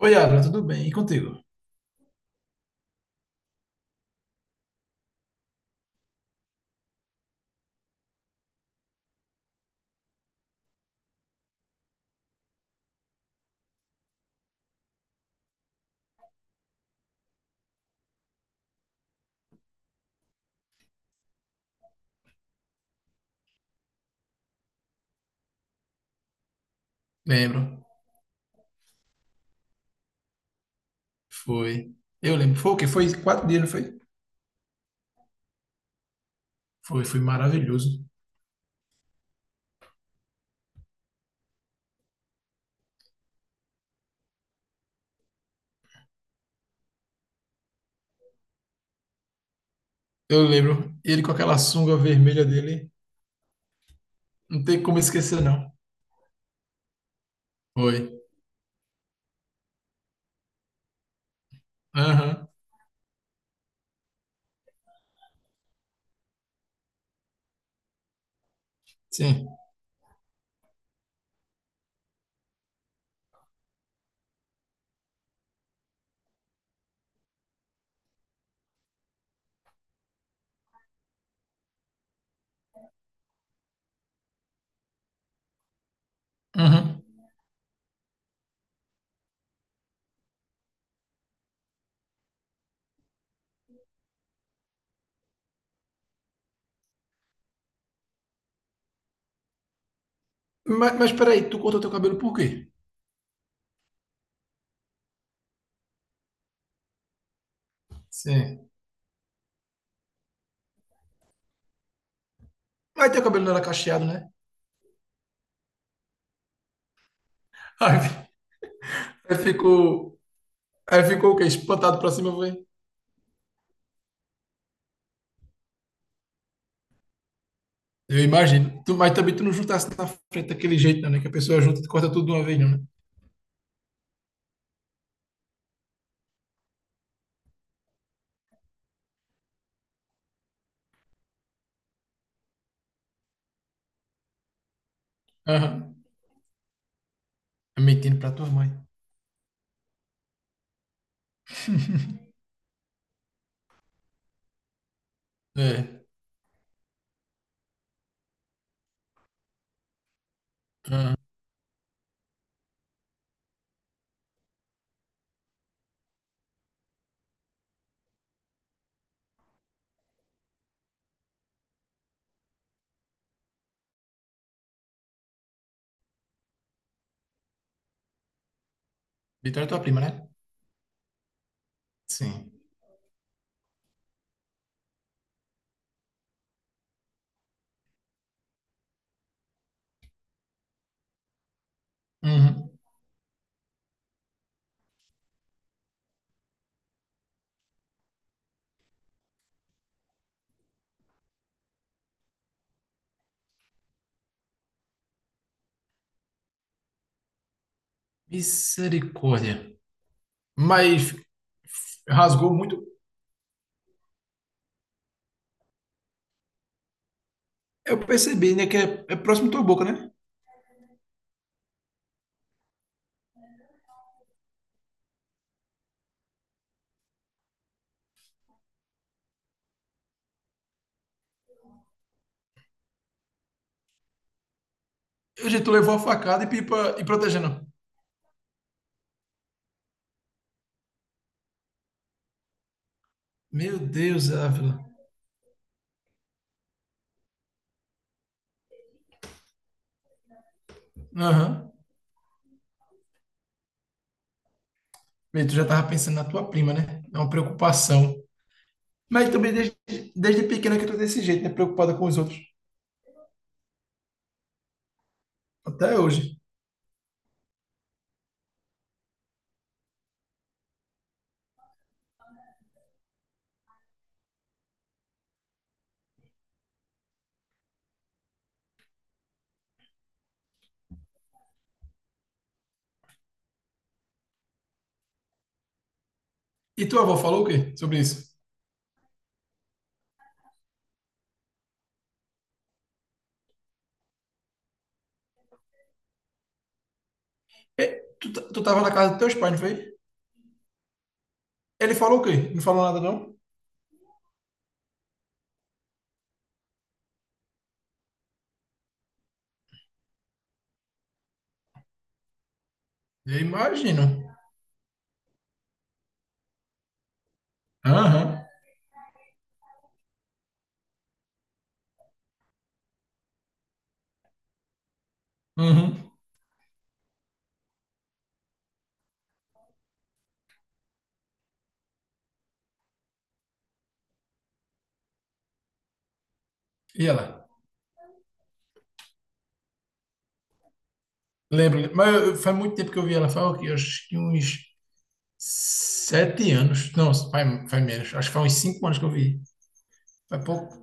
Oi, Abra, tudo bem? E contigo? Lembro. Foi. Eu lembro. Foi o quê? Foi 4 dias, não foi? Foi, foi maravilhoso. Eu lembro. Ele com aquela sunga vermelha dele. Não tem como esquecer, não. Foi. Aham. Sim. Aham. Mas peraí, tu cortou teu cabelo por quê? Sim. Mas teu cabelo não era cacheado, né? Aí, aí ficou. Aí ficou o quê? Espantado pra cima, foi? Eu imagino. Mas também tu não juntasse na frente daquele jeito, não, né? Que a pessoa junta e corta tudo de uma vez, não, né? Aham. É. Mentindo pra tua mãe. É. Ah, Vitória é tua prima, né? Sim. Uhum. Misericórdia. Mas rasgou muito. Eu percebi, né, que é próximo à tua boca, né? Eu já tu levou a facada e pipa e protegendo. Meu Deus, Ávila. Aham. Bem, tu já tava pensando na tua prima, né? É uma preocupação. Mas também desde pequena que eu tô desse jeito, né? Preocupada com os outros. Até hoje. E tua avó falou o quê sobre isso? É, tu tava na casa dos teus pais, não foi? Ele falou o quê? Não falou nada, não? Eu imagino. Aham, uhum. E ela? Lembro, mas faz muito tempo que eu vi ela, faz o quê? Acho que uns 7 anos. Não, faz menos. Acho que faz uns 5 anos que eu vi. Faz pouco,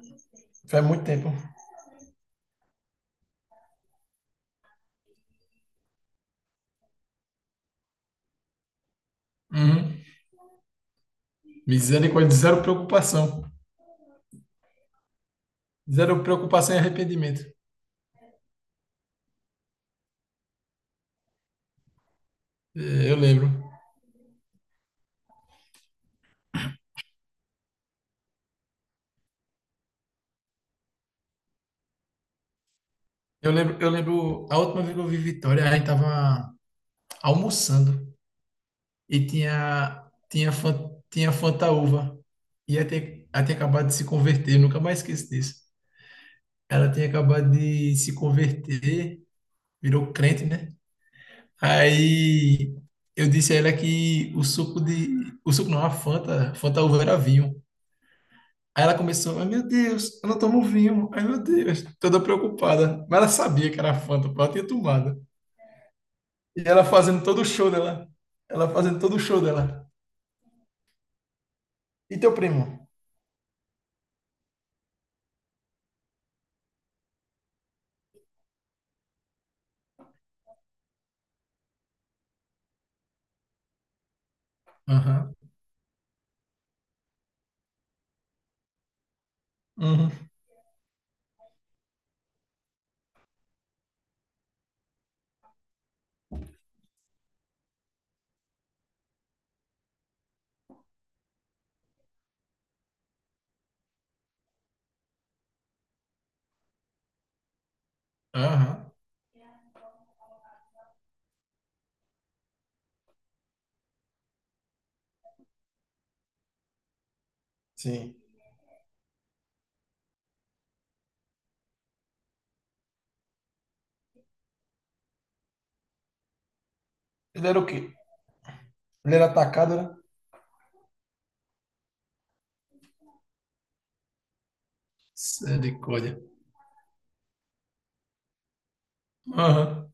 faz muito tempo. Uhum. Misericórdia, zero preocupação. Zero preocupação e arrependimento. É, eu lembro. Eu lembro, a última vez que eu vi Vitória, a gente tava almoçando e tinha Fantaúva. E até aí acabado de se converter, nunca mais esqueço disso. Ela tinha acabado de se converter, virou crente, né? Aí eu disse a ela que o suco de. O suco não, a Fanta, Fanta uva era vinho. Aí ela começou, ai meu Deus, eu não tomo vinho, ai meu Deus, toda preocupada. Mas ela sabia que era Fanta, porque ela tinha tomado. E ela fazendo todo o show dela. Ela fazendo todo o show dela. E teu primo? Aham, uhum, aham, sim. Ele era o quê? Ele era atacado, né? Misericórdia. Aham.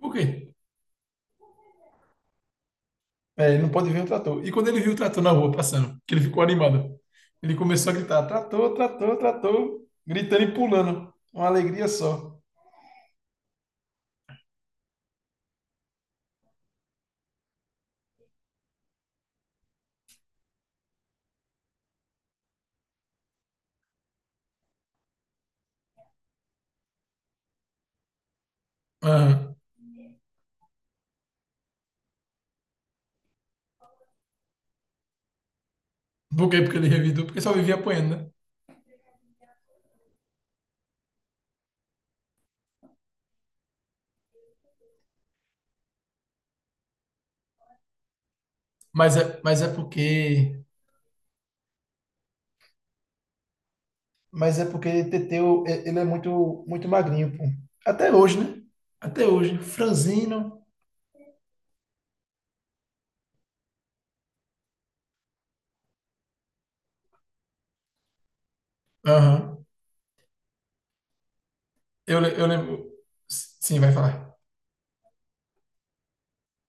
Por quê? É, ele não pode ver o trator. E quando ele viu o trator na rua passando, que ele ficou animado, ele começou a gritar: trator, trator, trator, gritando e pulando. Uma alegria só. Aham. Por quê? Porque ele revidou, porque só vivia apanhando, né? Mas é, mas é porque. Mas é porque Teteu, ele é muito, muito magrinho, pô. Até hoje, né? Até hoje. Franzino. Aham. Eu lembro. Sim, vai falar.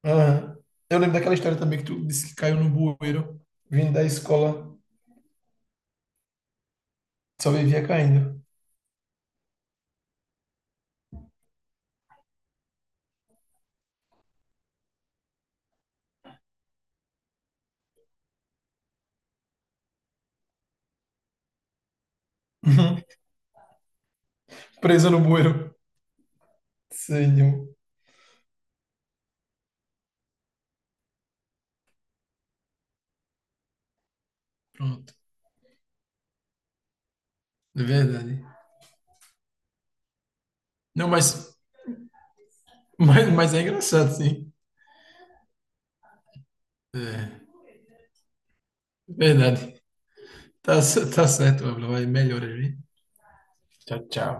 Aham. Eu lembro daquela história também que tu disse que caiu no bueiro, vindo da escola, só vivia caindo. Uhum. Presa no bueiro. Senhor. Pronto. É verdade. Não, mas é engraçado, sim. É, verdade. Tá, tá certo, Abla. Vai, melhora, viu? Tchau, tchau.